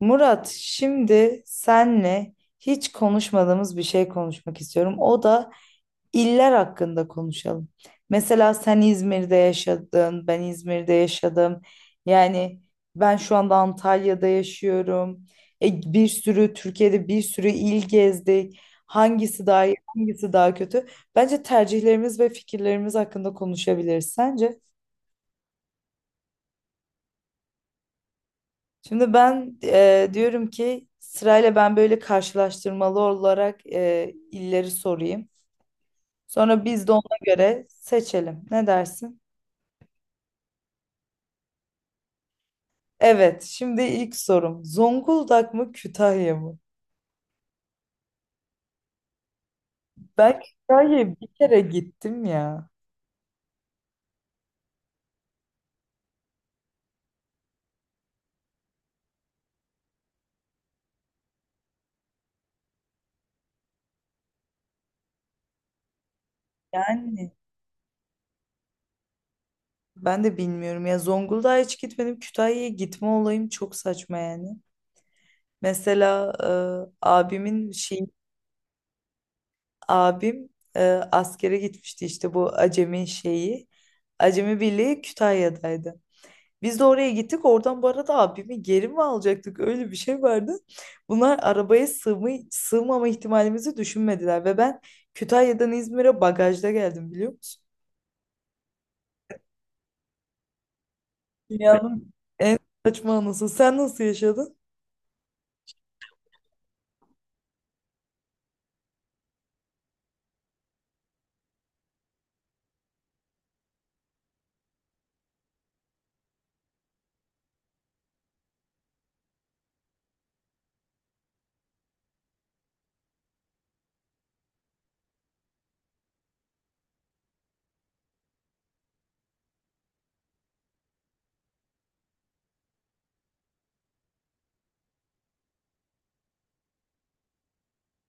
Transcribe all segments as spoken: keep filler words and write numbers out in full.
Murat, şimdi senle hiç konuşmadığımız bir şey konuşmak istiyorum. O da iller hakkında konuşalım. Mesela sen İzmir'de yaşadın, ben İzmir'de yaşadım. Yani ben şu anda Antalya'da yaşıyorum. E, bir sürü Türkiye'de bir sürü il gezdik. Hangisi daha iyi, hangisi daha kötü? Bence tercihlerimiz ve fikirlerimiz hakkında konuşabiliriz. Sence? Şimdi ben e, diyorum ki sırayla ben böyle karşılaştırmalı olarak e, illeri sorayım. Sonra biz de ona göre seçelim. Ne dersin? Evet, şimdi ilk sorum. Zonguldak mı Kütahya mı? Ben Kütahya'ya bir kere gittim ya. Yani ben de bilmiyorum ya, Zonguldak'a hiç gitmedim. Kütahya'ya gitme olayım çok saçma yani. Mesela e, abimin şey abim e, askere gitmişti, işte bu Acemi şeyi. Acemi Birliği Kütahya'daydı. Biz de oraya gittik. Oradan bu arada abimi geri mi alacaktık? Öyle bir şey vardı. Bunlar arabaya sığma, sığmama ihtimalimizi düşünmediler. Ve ben Kütahya'dan İzmir'e bagajda geldim, biliyor musun? Dünyanın saçma anası. Sen nasıl yaşadın?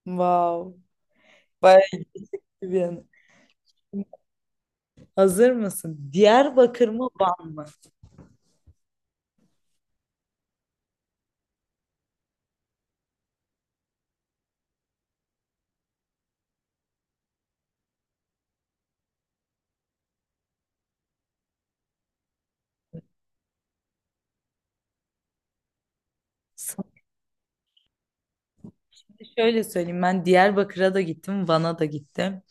Wow. Bayağı iyi bir anı. Hazır mısın? Diyarbakır mı Van mı? Şöyle söyleyeyim, ben Diyarbakır'a da gittim, Van'a da gittim.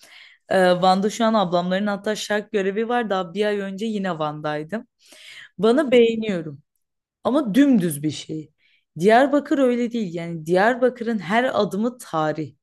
Ee, Van'da şu an ablamların hatta şark görevi var. Daha bir ay önce yine Van'daydım. Van'ı beğeniyorum ama dümdüz bir şey. Diyarbakır öyle değil. Yani Diyarbakır'ın her adımı tarih.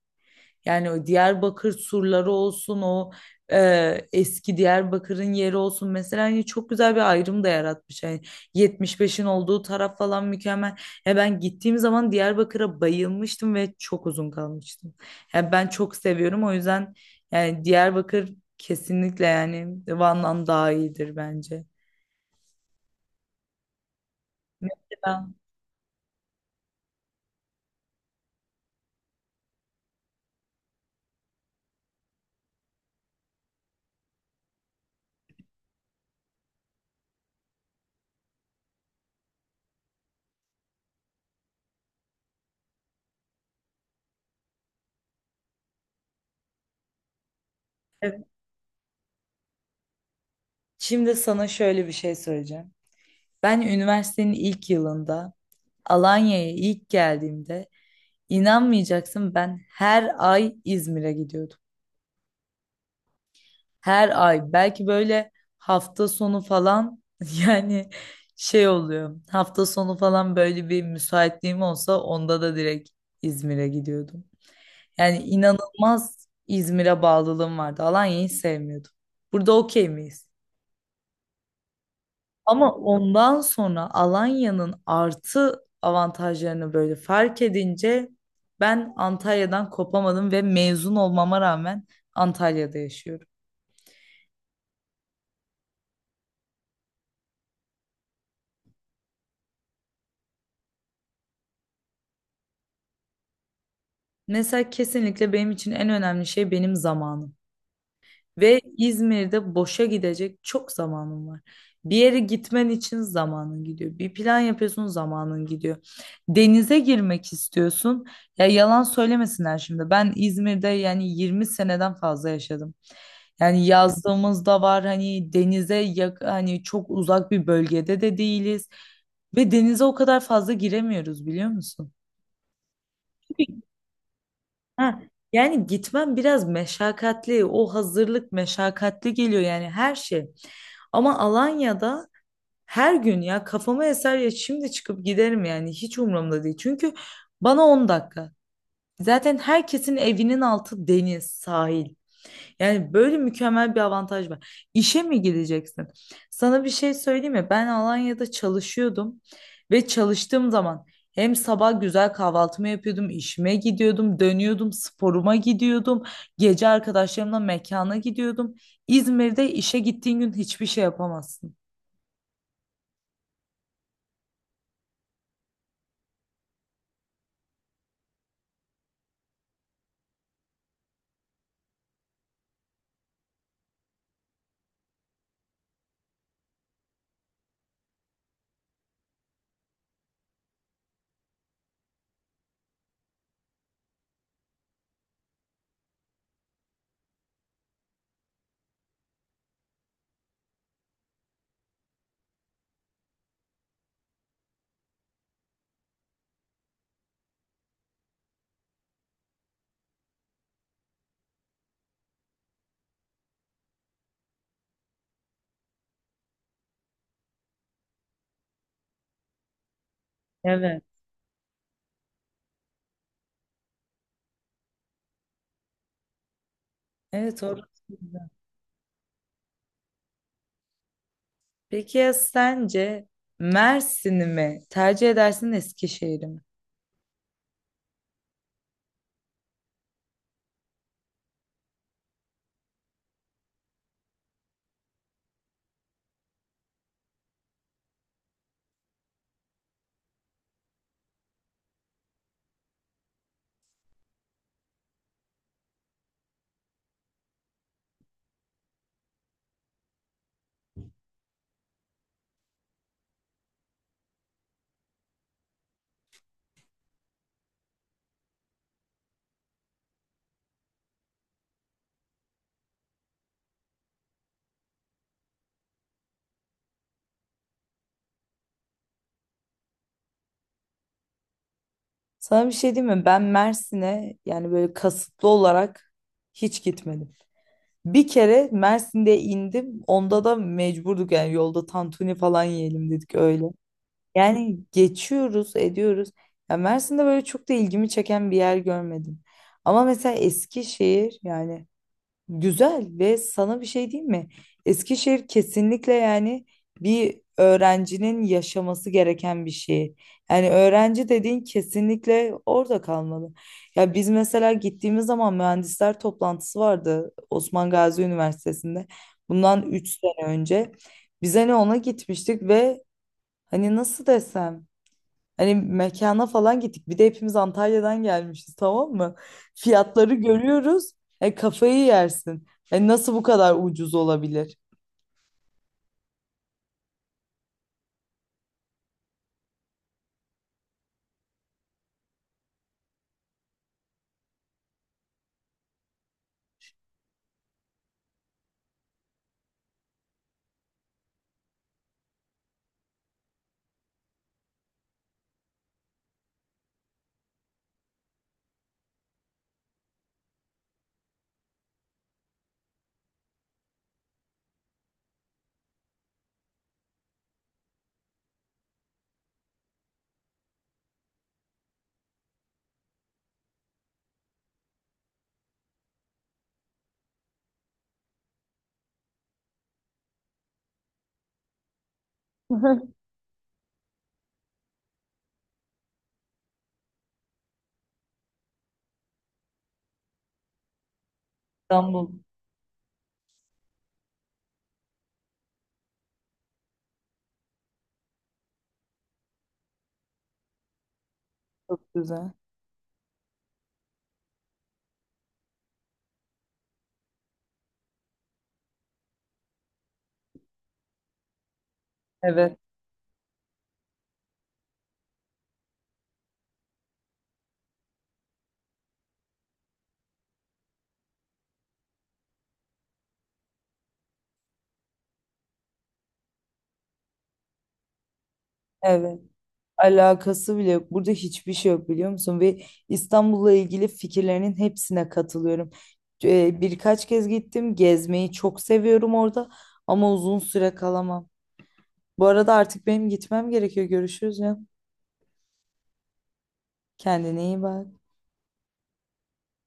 Yani o Diyarbakır surları olsun, o e, eski Diyarbakır'ın yeri olsun, mesela hani çok güzel bir ayrım da yaratmış. Yani yetmiş beşin olduğu taraf falan mükemmel. Ya ben gittiğim zaman Diyarbakır'a bayılmıştım ve çok uzun kalmıştım. Yani ben çok seviyorum, o yüzden yani Diyarbakır kesinlikle yani Van'dan daha iyidir bence. Mesela, evet, şimdi sana şöyle bir şey söyleyeceğim. Ben üniversitenin ilk yılında Alanya'ya ilk geldiğimde inanmayacaksın, ben her ay İzmir'e gidiyordum. Her ay belki böyle hafta sonu falan yani şey oluyor. Hafta sonu falan böyle bir müsaitliğim olsa onda da direkt İzmir'e gidiyordum. Yani inanılmaz İzmir'e bağlılığım vardı. Alanya'yı sevmiyordum. Burada okey miyiz? Ama ondan sonra Alanya'nın artı avantajlarını böyle fark edince ben Antalya'dan kopamadım ve mezun olmama rağmen Antalya'da yaşıyorum. Mesela kesinlikle benim için en önemli şey benim zamanım. Ve İzmir'de boşa gidecek çok zamanın var. Bir yere gitmen için zamanın gidiyor. Bir plan yapıyorsun, zamanın gidiyor. Denize girmek istiyorsun. Ya yalan söylemesinler şimdi. Ben İzmir'de yani yirmi seneden fazla yaşadım. Yani yazlığımız da var, hani denize yak, hani çok uzak bir bölgede de değiliz. Ve denize o kadar fazla giremiyoruz, biliyor musun? Ha, yani gitmem biraz meşakkatli. O hazırlık meşakkatli geliyor yani, her şey. Ama Alanya'da her gün ya kafama eser ya şimdi çıkıp giderim yani, hiç umurumda değil. Çünkü bana on dakika. Zaten herkesin evinin altı deniz, sahil. Yani böyle mükemmel bir avantaj var. İşe mi gideceksin? Sana bir şey söyleyeyim mi? Ben Alanya'da çalışıyordum ve çalıştığım zaman hem sabah güzel kahvaltımı yapıyordum, işime gidiyordum, dönüyordum, sporuma gidiyordum, gece arkadaşlarımla mekana gidiyordum. İzmir'de işe gittiğin gün hiçbir şey yapamazsın. Evet. Evet, orası güzel. Peki ya sence Mersin'i mi tercih edersin Eskişehir'i mi? Sana bir şey diyeyim mi? Ben Mersin'e yani böyle kasıtlı olarak hiç gitmedim. Bir kere Mersin'de indim. Onda da mecburduk yani, yolda tantuni falan yiyelim dedik öyle. Yani geçiyoruz, ediyoruz. Ya Mersin'de böyle çok da ilgimi çeken bir yer görmedim. Ama mesela Eskişehir yani güzel, ve sana bir şey diyeyim mi? Eskişehir kesinlikle yani bir öğrencinin yaşaması gereken bir şey. Yani öğrenci dediğin kesinlikle orada kalmalı. Ya biz mesela gittiğimiz zaman mühendisler toplantısı vardı Osman Gazi Üniversitesi'nde. Bundan üç sene önce. Biz hani ona gitmiştik ve hani nasıl desem, hani mekana falan gittik. Bir de hepimiz Antalya'dan gelmişiz, tamam mı? Fiyatları görüyoruz. E, kafayı yersin. E, nasıl bu kadar ucuz olabilir? İstanbul çok güzel. Evet, evet. Alakası bile yok. Burada hiçbir şey yok, biliyor musun? Ve İstanbul'la ilgili fikirlerinin hepsine katılıyorum. E, birkaç kez gittim. Gezmeyi çok seviyorum orada ama uzun süre kalamam. Bu arada artık benim gitmem gerekiyor. Görüşürüz ya. Kendine iyi bak.